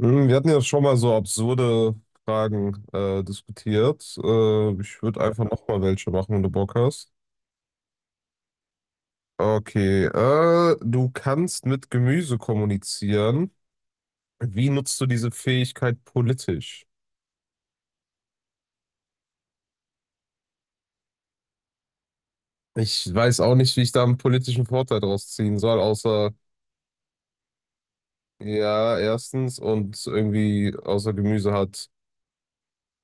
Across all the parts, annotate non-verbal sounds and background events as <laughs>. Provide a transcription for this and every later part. Wir hatten ja schon mal so absurde Fragen diskutiert. Ich würde einfach noch mal welche machen, wenn du Bock hast. Okay, du kannst mit Gemüse kommunizieren. Wie nutzt du diese Fähigkeit politisch? Ich weiß auch nicht, wie ich da einen politischen Vorteil draus ziehen soll, außer, ja, erstens und irgendwie außer Gemüse hat,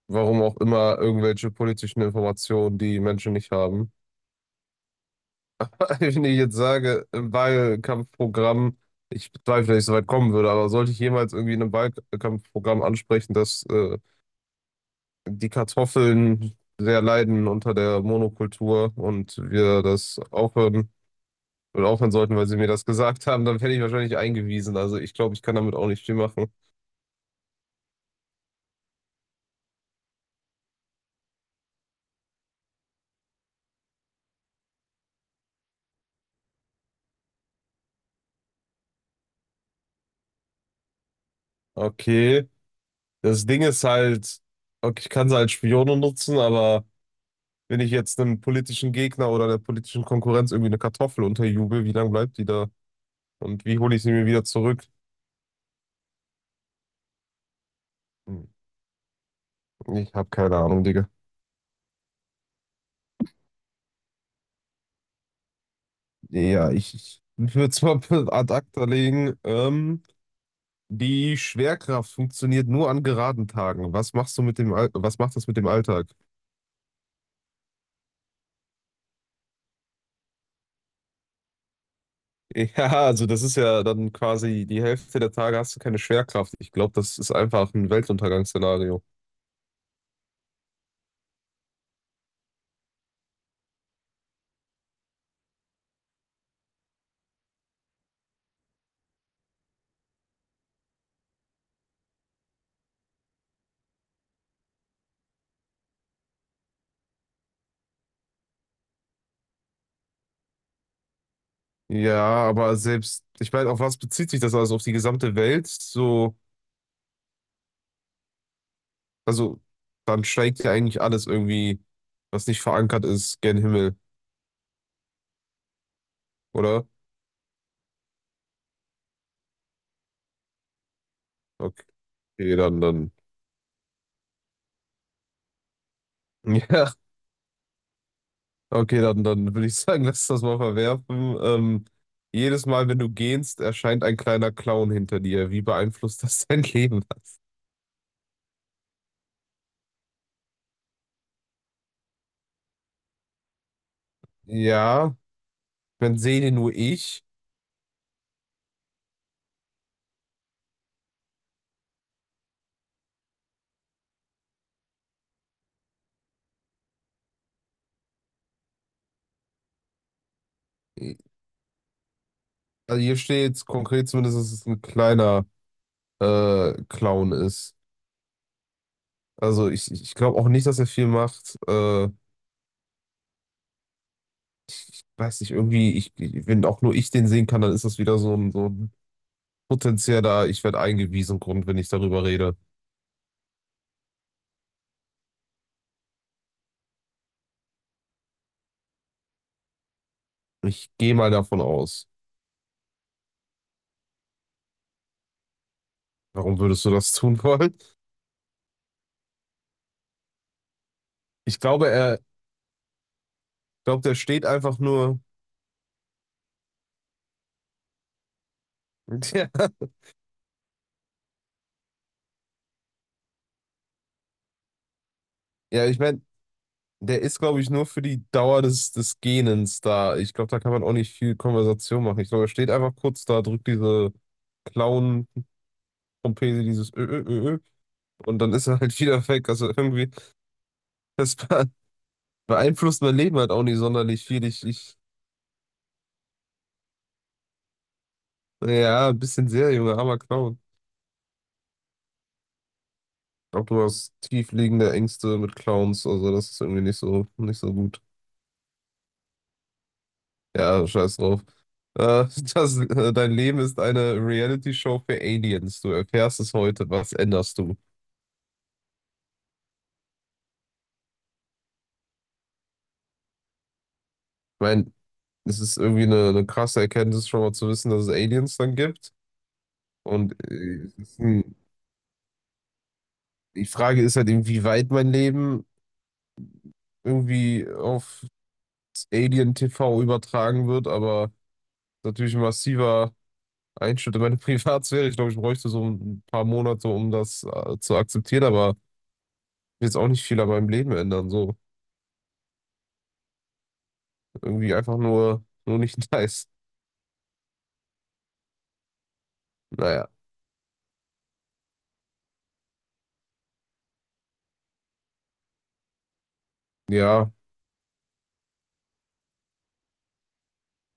warum auch immer, irgendwelche politischen Informationen, die Menschen nicht haben. <laughs> Wenn ich jetzt sage, im Wahlkampfprogramm, ich bezweifle, dass ich so weit kommen würde, aber sollte ich jemals irgendwie in einem Wahlkampfprogramm ansprechen, dass die Kartoffeln sehr leiden unter der Monokultur und wir das aufhören oder aufhören sollten, weil sie mir das gesagt haben, dann werde ich wahrscheinlich eingewiesen. Also ich glaube, ich kann damit auch nicht viel machen. Okay, das Ding ist halt, okay, ich kann sie als Spione nutzen, aber wenn ich jetzt einem politischen Gegner oder der politischen Konkurrenz irgendwie eine Kartoffel unterjubel, wie lange bleibt die da? Und wie hole ich sie mir wieder zurück? Ich habe keine Ahnung, Digga. Ja, ich würde es mal <laughs> ad acta legen. Die Schwerkraft funktioniert nur an geraden Tagen. Was macht das mit dem Alltag? Ja, also das ist ja dann quasi die Hälfte der Tage hast du keine Schwerkraft. Ich glaube, das ist einfach ein Weltuntergangsszenario. Ja, aber selbst, ich meine, auf was bezieht sich das also? Auf die gesamte Welt? So, also dann steigt ja eigentlich alles irgendwie, was nicht verankert ist, gen Himmel. Oder? Okay, dann. <laughs> Ja, okay, dann würde ich sagen, <laughs> lass das mal verwerfen. Jedes Mal, wenn du gehst, erscheint ein kleiner Clown hinter dir. Wie beeinflusst das dein <laughs> Leben? Ja, wenn sehe den nur ich. Also hier steht konkret zumindest, dass es ein kleiner Clown ist. Also ich glaube auch nicht, dass er viel macht. Ich weiß nicht, irgendwie, wenn auch nur ich den sehen kann, dann ist das wieder so ein potenzieller, ich werde eingewiesen Grund, wenn ich darüber rede. Ich gehe mal davon aus. Warum würdest du das tun wollen? Ich glaube, der steht einfach nur. <laughs> Ja, ja, ich meine, der ist, glaube ich, nur für die Dauer des, des Gähnens da. Ich glaube, da kann man auch nicht viel Konversation machen. Ich glaube, er steht einfach kurz da, drückt diese Clown-Trompete, dieses Ö, Ö, Ö, Ö, und dann ist er halt <laughs> wieder weg. Also irgendwie, das beeinflusst mein Leben halt auch nicht sonderlich viel. Ja, ein bisschen sehr, Junge, armer Clown. Glaube, du hast tiefliegende Ängste mit Clowns, also das ist irgendwie nicht so, nicht so gut. Ja, scheiß drauf. Äh, <laughs> dein Leben ist eine Reality-Show für Aliens. Du erfährst es heute, was änderst du? Ich meine, es ist irgendwie eine krasse Erkenntnis, schon mal zu wissen, dass es Aliens dann gibt. Und äh, es ist die Frage ist halt, inwieweit mein Leben irgendwie auf Alien-TV übertragen wird, aber natürlich ein massiver. Einschnitt in meine <laughs> Privatsphäre. Ich glaube, ich bräuchte so ein paar Monate, um das zu akzeptieren, aber jetzt auch nicht viel an meinem Leben ändern. So irgendwie einfach nur nicht <laughs> nice. Naja, ja,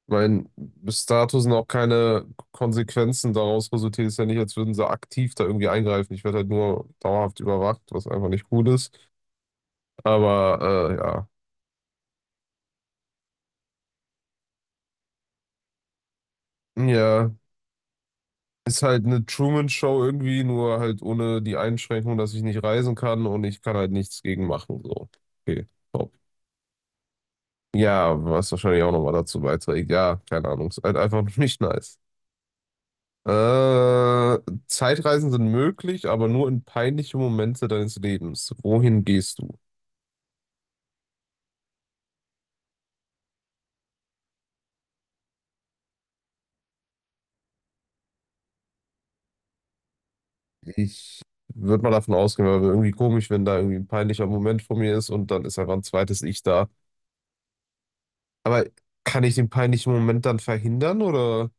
bis dato sind auch keine Konsequenzen daraus resultiert. Ist ja nicht, als würden sie aktiv da irgendwie eingreifen. Ich werde halt nur dauerhaft überwacht, was einfach nicht gut ist. Aber ja, ja. Ist halt eine Truman-Show irgendwie, nur halt ohne die Einschränkung, dass ich nicht reisen kann und ich kann halt nichts gegen machen. So, okay. Ja, was wahrscheinlich auch nochmal dazu beiträgt. Ja, keine Ahnung. Ist halt einfach <laughs> nicht nice. Äh, Zeitreisen sind möglich, aber nur in peinliche Momente deines Lebens. Wohin gehst du? Ich würde mal davon ausgehen, weil wäre irgendwie komisch, wenn da irgendwie ein peinlicher Moment vor mir ist und dann ist einfach ein zweites Ich da. Aber kann ich den peinlichen Moment dann verhindern oder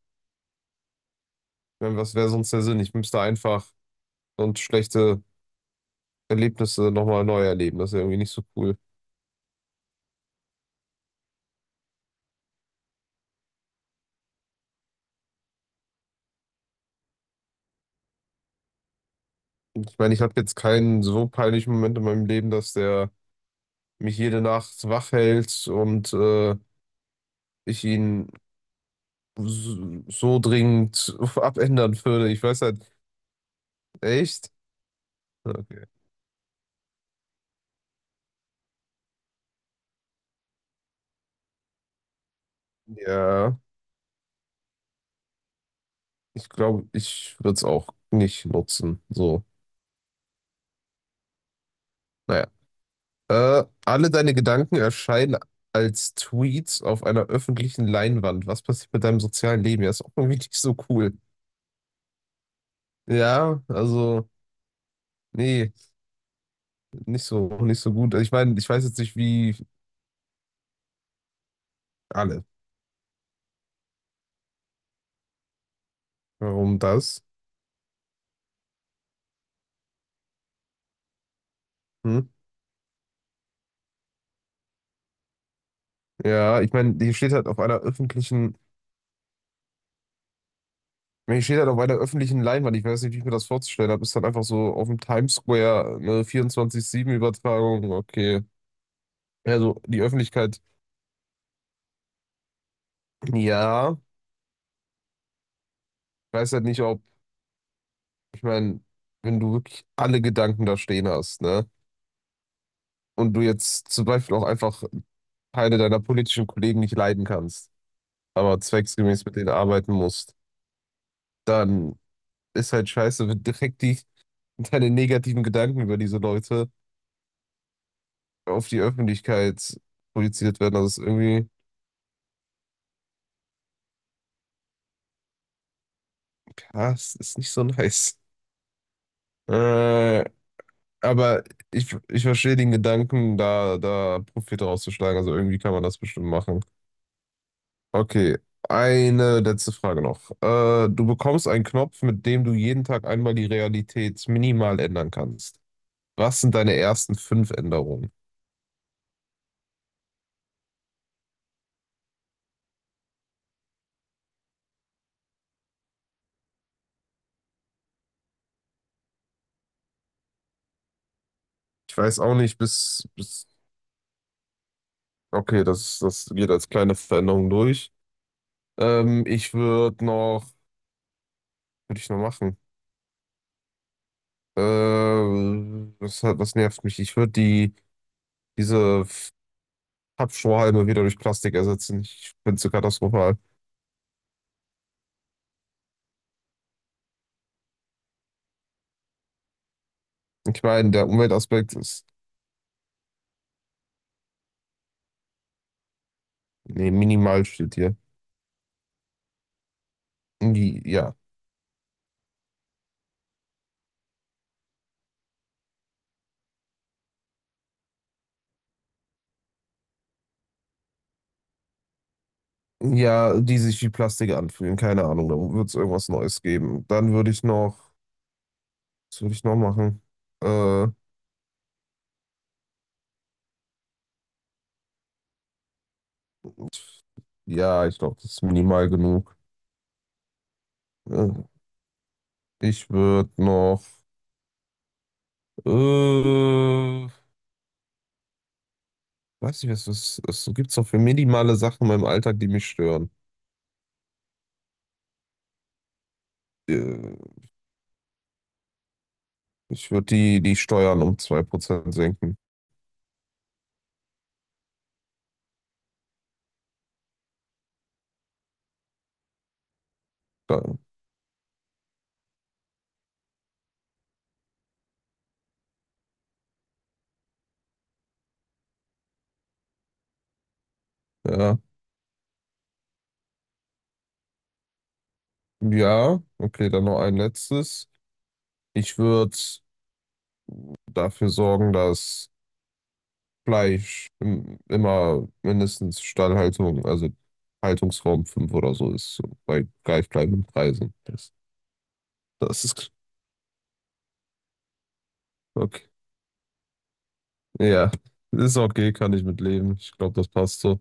ich mein, was wäre sonst der Sinn? Ich müsste einfach und schlechte Erlebnisse nochmal neu erleben. Das ist ja irgendwie nicht so cool. Ich meine, ich hatte jetzt keinen so peinlichen Moment in meinem Leben, dass der mich jede Nacht wach hält und ich ihn so dringend <laughs> abändern würde. Ich weiß halt, echt? Okay. Ja, ich glaube, ich würde es auch nicht nutzen. So, naja. Alle deine Gedanken erscheinen als Tweets auf einer öffentlichen Leinwand. Was passiert mit deinem sozialen Leben? Ja, ist auch irgendwie nicht so cool. Ja, also, nee. Nicht so, nicht so gut. Also ich meine, ich weiß jetzt nicht, wie alle. Warum das? Hm? Ja, ich meine, hier steht halt auf einer öffentlichen Leinwand. Ich weiß nicht, wie ich mir das vorzustellen habe. Ist halt einfach so auf dem Times Square eine 24/7-Übertragung. Okay. Also die Öffentlichkeit, ja, ich weiß halt nicht, ob, ich meine, wenn du wirklich alle Gedanken da stehen hast, ne? Und du jetzt zum Beispiel auch einfach Teile deiner politischen Kollegen nicht leiden kannst, aber zwecksgemäß mit denen arbeiten musst dann ist halt scheiße, wenn direkt deine negativen Gedanken über diese Leute auf die Öffentlichkeit projiziert werden. Das ist irgendwie, ja, es ist nicht so nice. Äh, aber ich verstehe den Gedanken, da Profit rauszuschlagen. Also irgendwie kann man das bestimmt machen. Okay, eine letzte Frage noch. Du bekommst einen Knopf, mit dem du jeden Tag einmal die Realität minimal ändern kannst. Was sind deine ersten fünf Änderungen? Ich weiß auch nicht, bis, bis okay, das geht als kleine Veränderung durch. Ähm, ich würde noch, würde ich noch machen? Äh, was nervt mich? Ich würde diese Pappstrohhalme wieder durch Plastik ersetzen. Ich finde es so katastrophal. Ich meine, der Umweltaspekt ist, nee, minimal steht hier. Die, ja. Ja, die sich wie Plastik anfühlen. Keine Ahnung, da wird es irgendwas Neues geben. Dann würde ich noch, was würde ich noch machen? Äh, ja, ich glaube, das ist minimal genug. Äh, ich würde noch. Äh, weiß nicht, was so gibt's doch für minimale Sachen in meinem Alltag, die mich stören. Äh, ich würde die Steuern um 2% senken. Da, ja. Ja, okay, dann noch ein letztes. Ich würde dafür sorgen, dass Fleisch immer mindestens Stallhaltung, also Haltungsraum 5 oder so ist, so bei gleich bleibenden Preisen. Das ist okay. Ja, ist okay, kann ich mit leben. Ich glaube, das passt so.